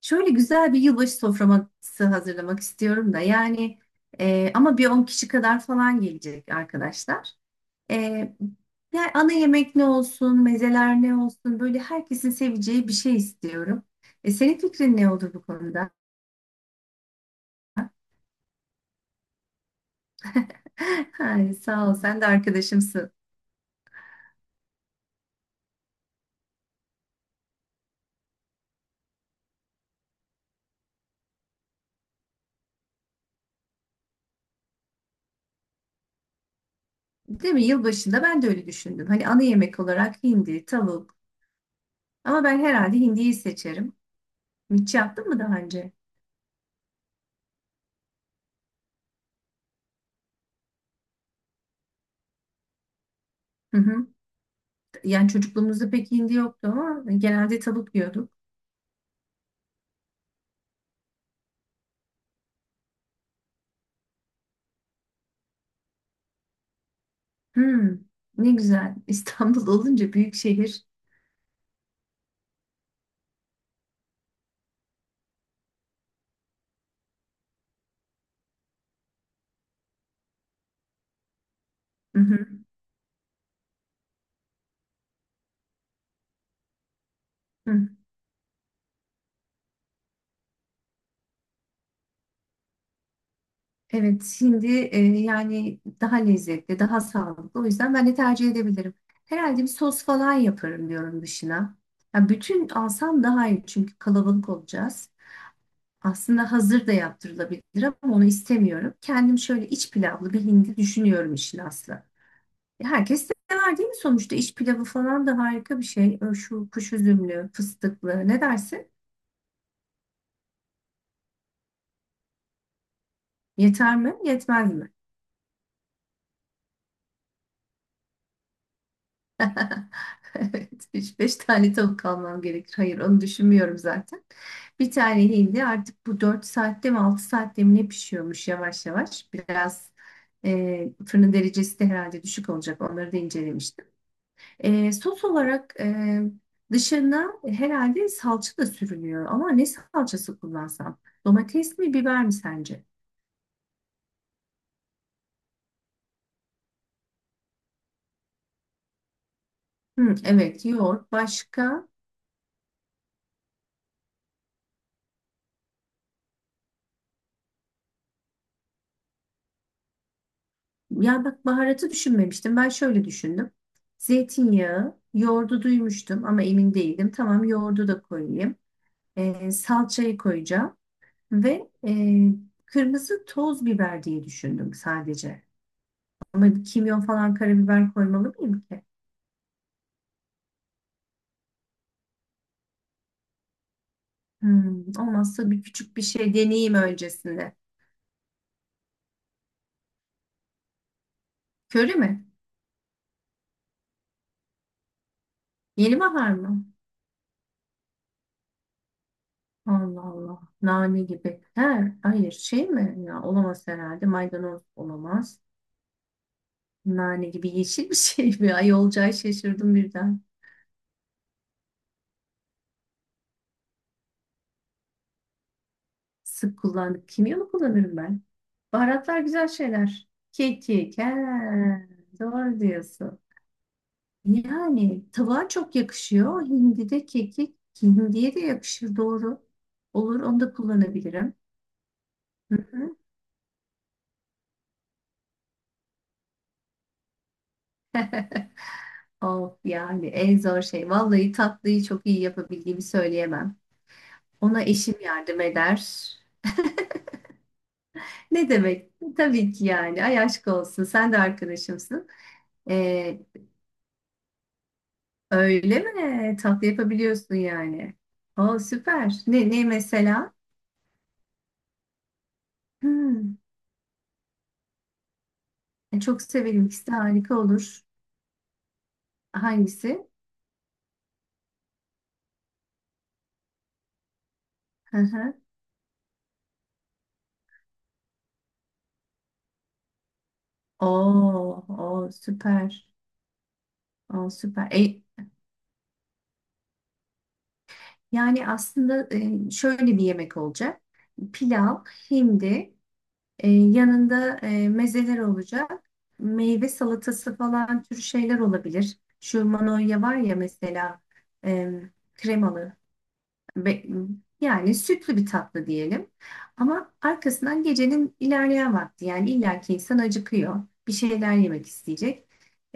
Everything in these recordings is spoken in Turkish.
Şöyle güzel bir yılbaşı soframası hazırlamak istiyorum da yani ama bir 10 kişi kadar falan gelecek arkadaşlar. E, yani ana yemek ne olsun, mezeler ne olsun böyle herkesin seveceği bir şey istiyorum. Senin fikrin ne olur bu konuda? Ay, sağ ol, sen de arkadaşımsın. Değil mi? Yılbaşında ben de öyle düşündüm. Hani ana yemek olarak hindi, tavuk, ama ben herhalde hindiyi seçerim. Hiç yaptın mı daha önce? Hı hı. Yani çocukluğumuzda pek hindi yoktu ama genelde tavuk yiyorduk. Hmm, ne güzel. İstanbul olunca büyük şehir. Hı hı, hı. Evet, şimdi yani daha lezzetli, daha sağlıklı. O yüzden ben de tercih edebilirim. Herhalde bir sos falan yaparım diyorum dışına. Ya bütün alsam daha iyi, çünkü kalabalık olacağız. Aslında hazır da yaptırılabilir ama onu istemiyorum. Kendim şöyle iç pilavlı bir hindi düşünüyorum, işin aslı. Ya herkes de sever değil mi sonuçta? İç pilavı falan da harika bir şey. Şu kuş üzümlü, fıstıklı, ne dersin? Yeter mi? Yetmez mi? Evet, üç beş tane tavuk almam gerekir. Hayır, onu düşünmüyorum zaten. Bir tane hindi artık, bu 4 saatte mi 6 saatte mi ne pişiyormuş yavaş yavaş. Biraz fırının derecesi de herhalde düşük olacak. Onları da incelemiştim. Sos olarak dışına herhalde salça da sürülüyor. Ama ne salçası kullansam? Domates mi, biber mi sence? Hı, evet, yoğurt. Başka? Ya bak, baharatı düşünmemiştim. Ben şöyle düşündüm. Zeytinyağı, yoğurdu duymuştum ama emin değildim. Tamam, yoğurdu da koyayım. Salçayı koyacağım ve kırmızı toz biber diye düşündüm sadece. Ama kimyon falan, karabiber koymalı mıyım ki? Olmazsa bir küçük bir şey deneyeyim öncesinde. Köri mi? Yeni bahar mı? Allah Allah. Nane gibi. He, hayır, şey mi? Ya, olamaz herhalde. Maydanoz olamaz. Nane gibi yeşil bir şey mi? Ay, olacağı şaşırdım birden. Sık kullandık. Kimyonu mı kullanırım ben? Baharatlar güzel şeyler. Kekik. He, doğru diyorsun. Yani tavuğa çok yakışıyor. Hindi de kekik. Hindiye de yakışır, doğru. Olur, onu da kullanabilirim. Hı hı. Of, yani en zor şey. Vallahi tatlıyı çok iyi yapabildiğimi söyleyemem. Ona eşim yardım eder. Ne demek? Tabii ki yani. Ay, aşk olsun. Sen de arkadaşımsın. Ee, öyle mi? Tatlı yapabiliyorsun yani. Aa, süper. Ne mesela? Hmm, Çok severim. İkisi de harika olur. Hangisi? Hı hı. Oo, o süper. O süper. Yani aslında şöyle bir yemek olacak. Pilav, hindi, yanında mezeler olacak. Meyve salatası falan tür şeyler olabilir. Şu manoya var ya, mesela e, kremalı. Be- Yani sütlü bir tatlı diyelim. Ama arkasından gecenin ilerleyen vakti, yani illaki insan acıkıyor. Bir şeyler yemek isteyecek.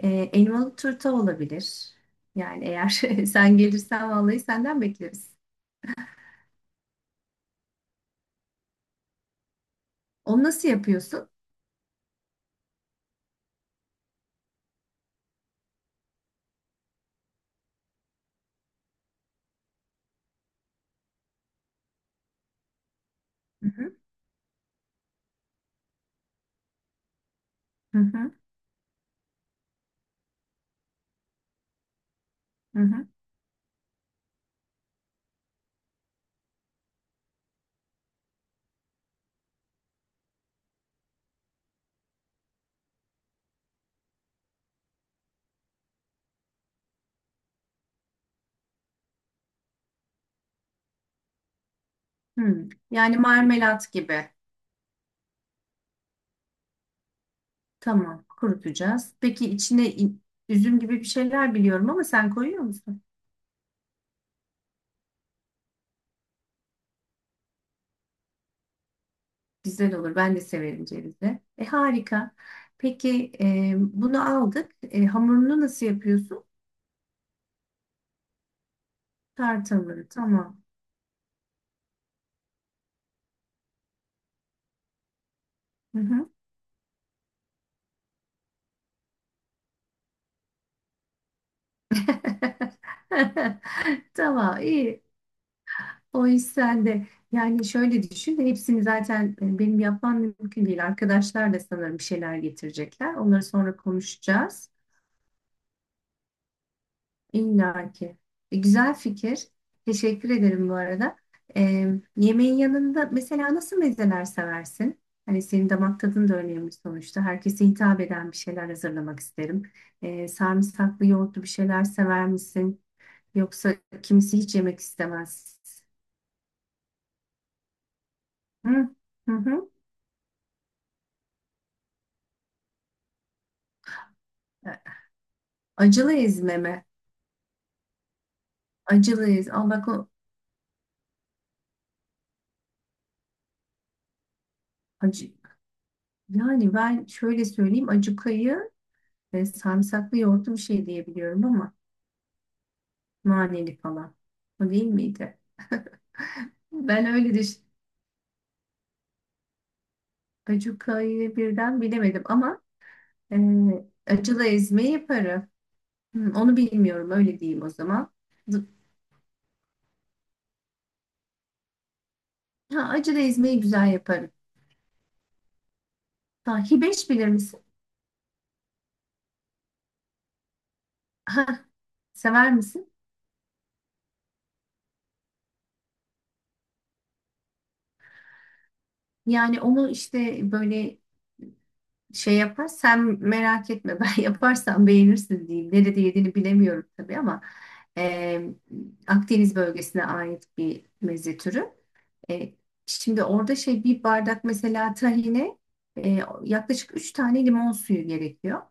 Ee, elmalı turta olabilir. Yani eğer sen gelirsen vallahi senden bekleriz. Onu nasıl yapıyorsun? Hı hı, hı hı, hı hı. Hı. Yani marmelat gibi. Tamam, kurutacağız. Peki içine üzüm gibi bir şeyler biliyorum ama sen koyuyor musun? Güzel olur. Ben de severim cevizli. Harika. Peki bunu aldık. Hamurunu nasıl yapıyorsun? Tart hamuru. Tamam. Hı hı. Tamam, iyi. O iş sende. Yani şöyle düşün. Hepsini zaten benim yapmam mümkün değil. Arkadaşlar da sanırım bir şeyler getirecekler. Onları sonra konuşacağız. İlla ki. Güzel fikir. Teşekkür ederim bu arada. E, yemeğin yanında mesela nasıl mezeler seversin? Hani senin damak tadın da önemli sonuçta. Herkese hitap eden bir şeyler hazırlamak isterim. Sarımsaklı yoğurtlu bir şeyler sever misin? Yoksa kimisi hiç yemek istemez. Hı hı. Hı. Acılı ezme mi? Acılı ezme. Ama bak, o acı. Yani ben şöyle söyleyeyim. Acukayı ve sarımsaklı yoğurtlu bir şey diyebiliyorum ama. Naneli falan. O değil miydi? Ben öyle düş. Acuka'yı birden bilemedim ama e, acılı ezme yaparım. Hı, onu bilmiyorum, öyle diyeyim o zaman. Z- Ha, acılı ezmeyi güzel yaparım. Ha, hibeş bilir misin? Ha, sever misin? Yani onu işte böyle şey yapar. Sen merak etme, ben yaparsam beğenirsin diyeyim. Nerede yediğini bilemiyorum tabii ama e, Akdeniz bölgesine ait bir meze türü. E, şimdi orada şey, bir bardak mesela tahine e, yaklaşık 3 tane limon suyu gerekiyor.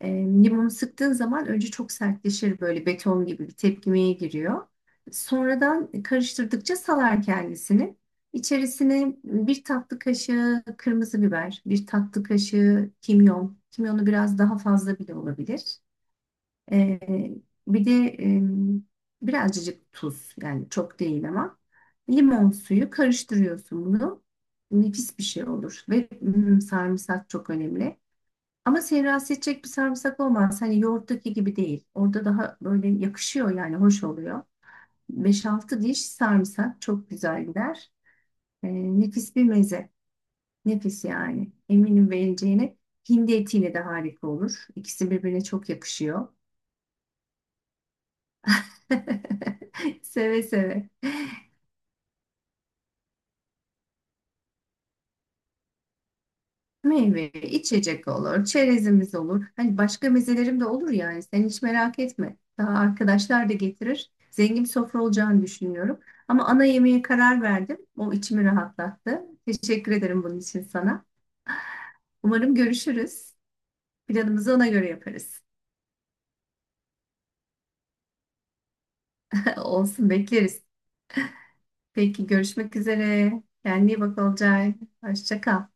E, limonu sıktığın zaman önce çok sertleşir, böyle beton gibi bir tepkimeye giriyor. Sonradan karıştırdıkça salar kendisini. İçerisine bir tatlı kaşığı kırmızı biber, bir tatlı kaşığı kimyon. Kimyonu biraz daha fazla bile olabilir. Ee, bir de birazcık tuz, yani çok değil ama limon suyu karıştırıyorsun bunu. Nefis bir şey olur ve sarımsak çok önemli. Ama seni rahatsız edecek bir sarımsak olmaz. Hani yoğurttaki gibi değil. Orada daha böyle yakışıyor, yani hoş oluyor. Beş altı diş sarımsak çok güzel gider. Ee, nefis bir meze. Nefis yani. Eminim beğeneceğine. Hindi etiyle de harika olur. İkisi birbirine çok yakışıyor. Seve seve. Meyve, içecek olur, çerezimiz olur. Hani başka mezelerim de olur, yani sen hiç merak etme. Daha arkadaşlar da getirir. Zengin bir sofra olacağını düşünüyorum. Ama ana yemeğe karar verdim. O içimi rahatlattı. Teşekkür ederim bunun için sana. Umarım görüşürüz. Planımızı ona göre yaparız. Olsun, bekleriz. Peki, görüşmek üzere. Kendine iyi bak Olcay. Hoşça kal.